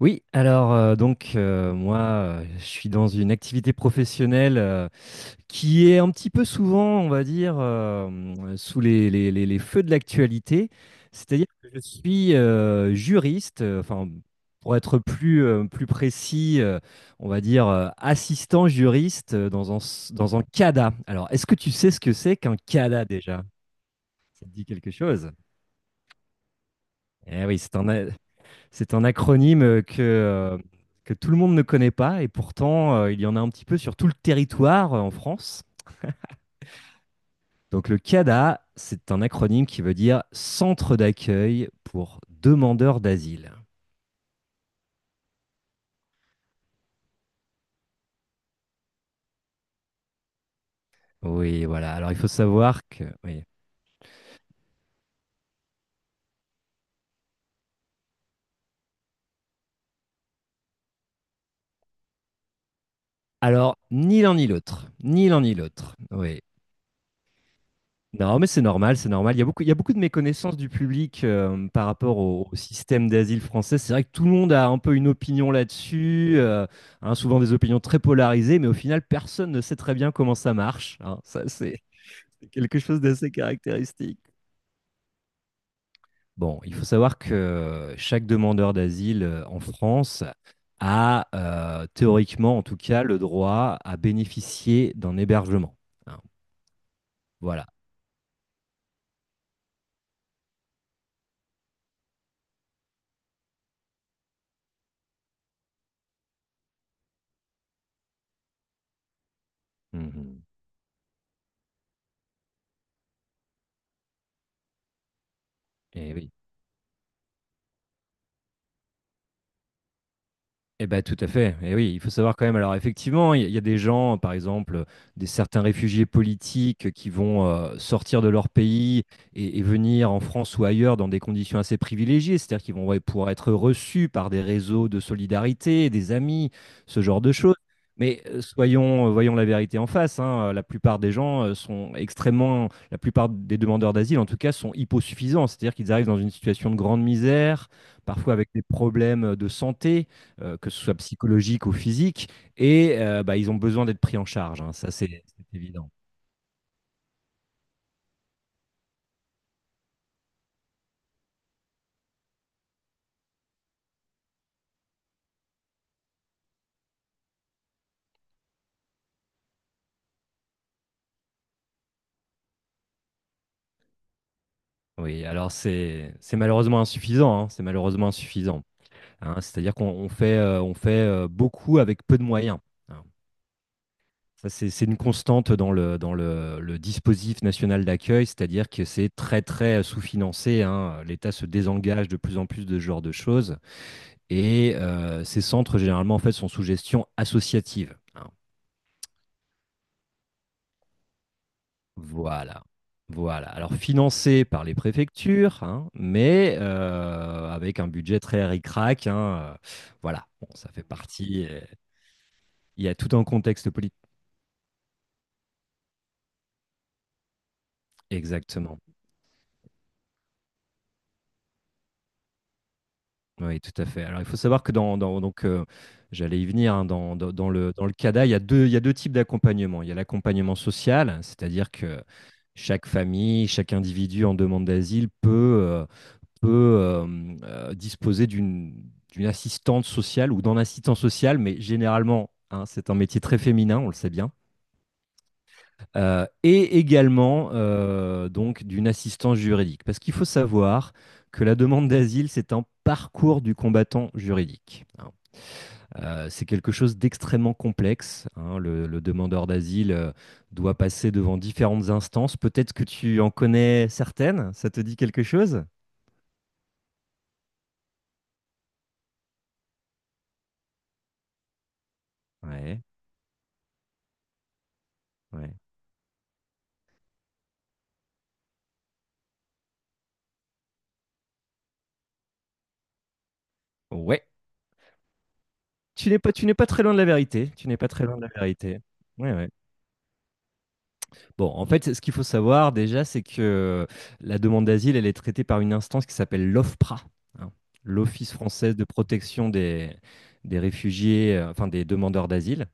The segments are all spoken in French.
Oui, alors donc moi je suis dans une activité professionnelle qui est un petit peu souvent, on va dire, sous les feux de l'actualité. C'est-à-dire que je suis juriste, enfin pour être plus, plus précis, on va dire assistant juriste dans dans un CADA. Alors, est-ce que tu sais ce que c'est qu'un CADA déjà? Ça te dit quelque chose? Eh oui, c'est un acronyme que tout le monde ne connaît pas, et pourtant il y en a un petit peu sur tout le territoire en France. Donc le CADA, c'est un acronyme qui veut dire Centre d'accueil pour demandeurs d'asile. Oui, voilà. Alors, il faut savoir que, oui. Alors, ni l'un ni l'autre, ni l'un ni l'autre. Oui. Non, mais c'est normal, c'est normal. Il y a beaucoup de méconnaissance du public par rapport au système d'asile français. C'est vrai que tout le monde a un peu une opinion là-dessus, hein, souvent des opinions très polarisées, mais au final, personne ne sait très bien comment ça marche, hein. Ça, c'est quelque chose d'assez caractéristique. Bon, il faut savoir que chaque demandeur d'asile en France a théoriquement, en tout cas, le droit à bénéficier d'un hébergement, hein. Voilà. Mhm. Eh oui. Eh ben, tout à fait, et oui, il faut savoir quand même, alors, effectivement, il y a des gens, par exemple, des certains réfugiés politiques qui vont, sortir de leur pays et venir en France ou ailleurs dans des conditions assez privilégiées. C'est-à-dire qu'ils vont, ouais, pouvoir être reçus par des réseaux de solidarité, des amis, ce genre de choses. Mais, voyons la vérité en face, hein, la plupart des gens, sont extrêmement, la plupart des demandeurs d'asile, en tout cas, sont hyposuffisants. C'est-à-dire qu'ils arrivent dans une situation de grande misère, parfois avec des problèmes de santé que ce soit psychologique ou physique, et bah, ils ont besoin d'être pris en charge, hein, ça c'est évident. Oui, alors, c'est malheureusement insuffisant, hein, c'est malheureusement insuffisant, hein, c'est-à-dire qu'on fait beaucoup avec peu de moyens, hein. Ça c'est une constante dans le, le dispositif national d'accueil, c'est-à-dire que c'est très très sous-financé, hein. L'État se désengage de plus en plus de ce genre de choses, et ces centres généralement en fait sont sous gestion associative, hein. Voilà. Voilà. Alors, financé par les préfectures, hein, mais avec un budget très ric-rac, hein, voilà. Bon, ça fait partie, il y a tout un contexte politique. Exactement. Oui, tout à fait. Alors, il faut savoir que j'allais y venir, hein, dans le CADA, il y a deux types d'accompagnement. Il y a l'accompagnement social, c'est-à-dire que chaque famille, chaque individu en demande d'asile peut euh, peut euh, disposer d'une assistante sociale ou d'un assistant social, mais généralement, hein, c'est un métier très féminin, on le sait bien. Et également donc d'une assistance juridique. Parce qu'il faut savoir que la demande d'asile, c'est un parcours du combattant juridique, hein. C'est quelque chose d'extrêmement complexe, hein. Le demandeur d'asile doit passer devant différentes instances. Peut-être que tu en connais certaines? Ça te dit quelque chose? Ouais, ouais. Ouais. Tu n'es pas très loin de la vérité. Tu n'es pas très loin de la vérité. Ouais, ouais. Bon, en fait, ce qu'il faut savoir déjà, c'est que euh, la demande d'asile, elle est traitée par une instance qui s'appelle l'OFPRA, hein, l'Office française de protection des réfugiés, enfin, des demandeurs d'asile,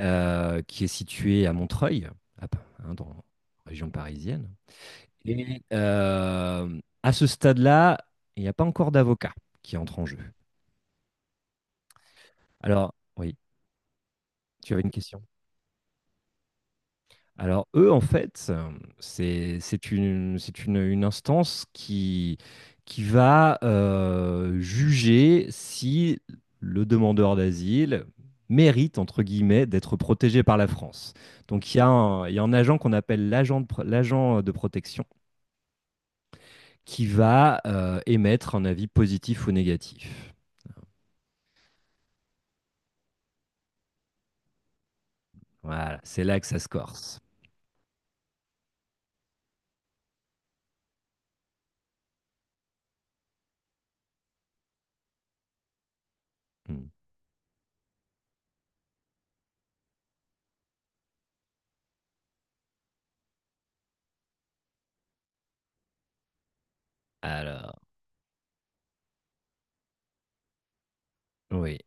qui est située à Montreuil, hein, dans la région parisienne. Et à ce stade-là, il n'y a pas encore d'avocat qui entre en jeu. Alors, oui, tu avais une question. Alors, eux, en fait, une instance qui va juger si le demandeur d'asile mérite, entre guillemets, d'être protégé par la France. Donc il y a un agent qu'on appelle l'agent de protection qui va émettre un avis positif ou négatif. Voilà, c'est là que ça se corse. Hmm. Alors... Oui.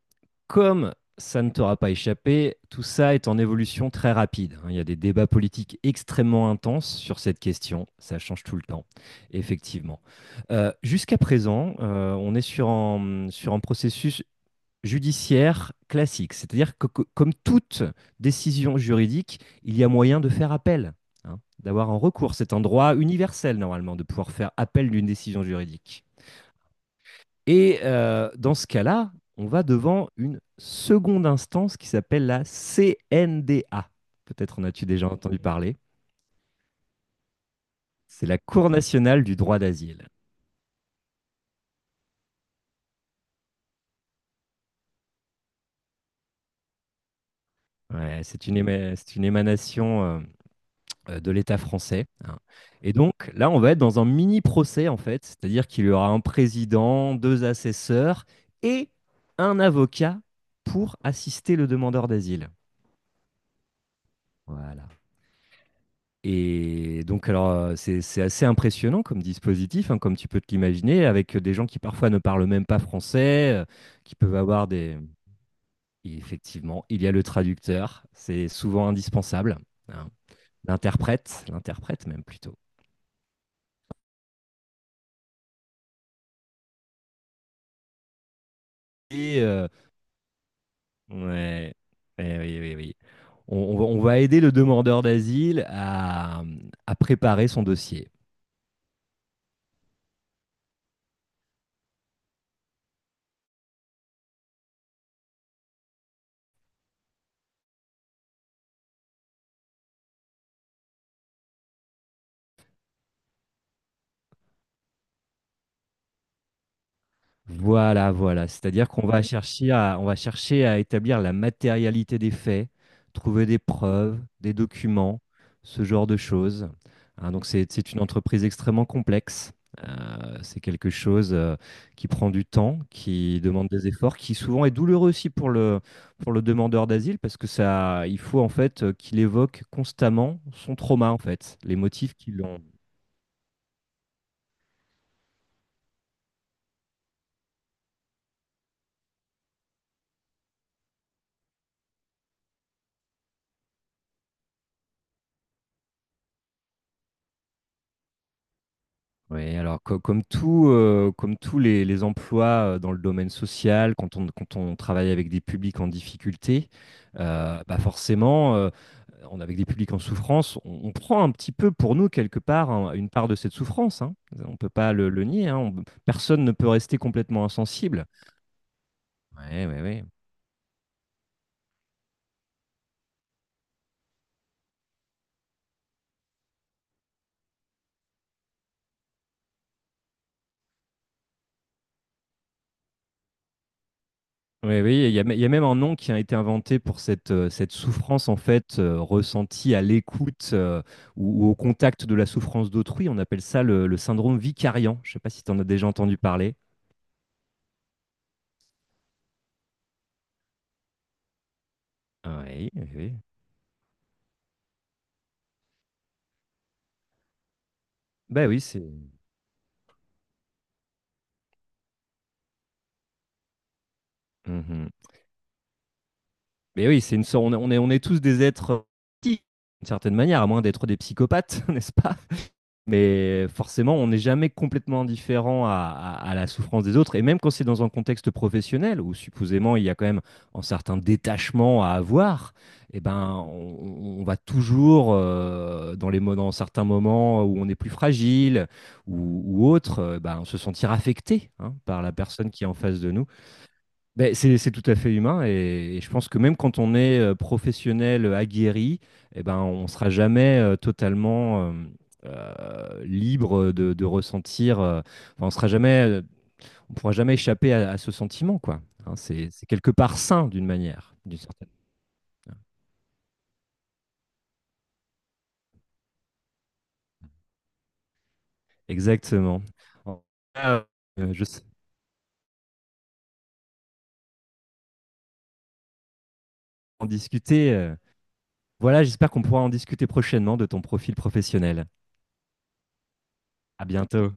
Comme ça ne t'aura pas échappé, tout ça est en évolution très rapide, hein. Il y a des débats politiques extrêmement intenses sur cette question. Ça change tout le temps, effectivement. Jusqu'à présent, on est sur un processus judiciaire classique. C'est-à-dire que, comme toute décision juridique, il y a moyen de faire appel, hein, d'avoir un recours. C'est un droit universel, normalement, de pouvoir faire appel d'une décision juridique. Et dans ce cas-là, on va devant une seconde instance qui s'appelle la CNDA. Peut-être en as-tu déjà entendu parler. C'est la Cour nationale du droit d'asile. Ouais, c'est une émanation de l'État français, hein. Et donc là, on va être dans un mini procès en fait, c'est-à-dire qu'il y aura un président, deux assesseurs et un avocat pour assister le demandeur d'asile. Voilà. Et donc, alors, c'est assez impressionnant comme dispositif, hein, comme tu peux te l'imaginer, avec des gens qui parfois ne parlent même pas français, qui peuvent avoir des. Et effectivement, il y a le traducteur, c'est souvent indispensable, hein. L'interprète même plutôt. Et ouais, et oui, oui, oui. On va aider le demandeur d'asile à préparer son dossier. Voilà, voilà. C'est-à-dire qu'on va chercher à établir la matérialité des faits, trouver des preuves, des documents, ce genre de choses. Hein, donc c'est une entreprise extrêmement complexe. C'est quelque chose qui prend du temps, qui demande des efforts, qui souvent est douloureux aussi pour le demandeur d'asile parce que ça, il faut en fait qu'il évoque constamment son trauma en fait, les motifs qui l'ont. Oui, alors, comme tout, comme tous les emplois dans le domaine social, quand on travaille avec des publics en difficulté, bah, forcément, avec des publics en souffrance, on prend un petit peu pour nous quelque part, hein, une part de cette souffrance, hein. On ne peut pas le nier, hein. Personne ne peut rester complètement insensible. Oui, oui, oui. Oui, oui, il y a même un nom qui a été inventé pour cette souffrance en fait ressentie à l'écoute ou au contact de la souffrance d'autrui. On appelle ça le syndrome vicariant. Je ne sais pas si tu en as déjà entendu parler. Ah, oui, oui, oui. Bah oui, c'est. Mhm. Mais oui, c'est une sorte. On est tous des êtres d'une certaine manière, à moins d'être des psychopathes, n'est-ce pas? Mais forcément, on n'est jamais complètement indifférent à la souffrance des autres. Et même quand c'est dans un contexte professionnel, où supposément il y a quand même un certain détachement à avoir, eh ben, on va toujours, dans dans certains moments où on est plus fragile ou autre, ben, se sentir affecté, hein, par la personne qui est en face de nous. Ben, c'est tout à fait humain et je pense que même quand on est professionnel aguerri, eh ben, on ne sera jamais totalement libre de ressentir, enfin, on sera jamais, on pourra jamais échapper à ce sentiment, quoi. Hein, c'est quelque part sain d'une manière, d'une certaine manière. Exactement. En- Ah, je sais en discuter, voilà, j'espère qu'on pourra en discuter prochainement de ton profil professionnel. À bientôt.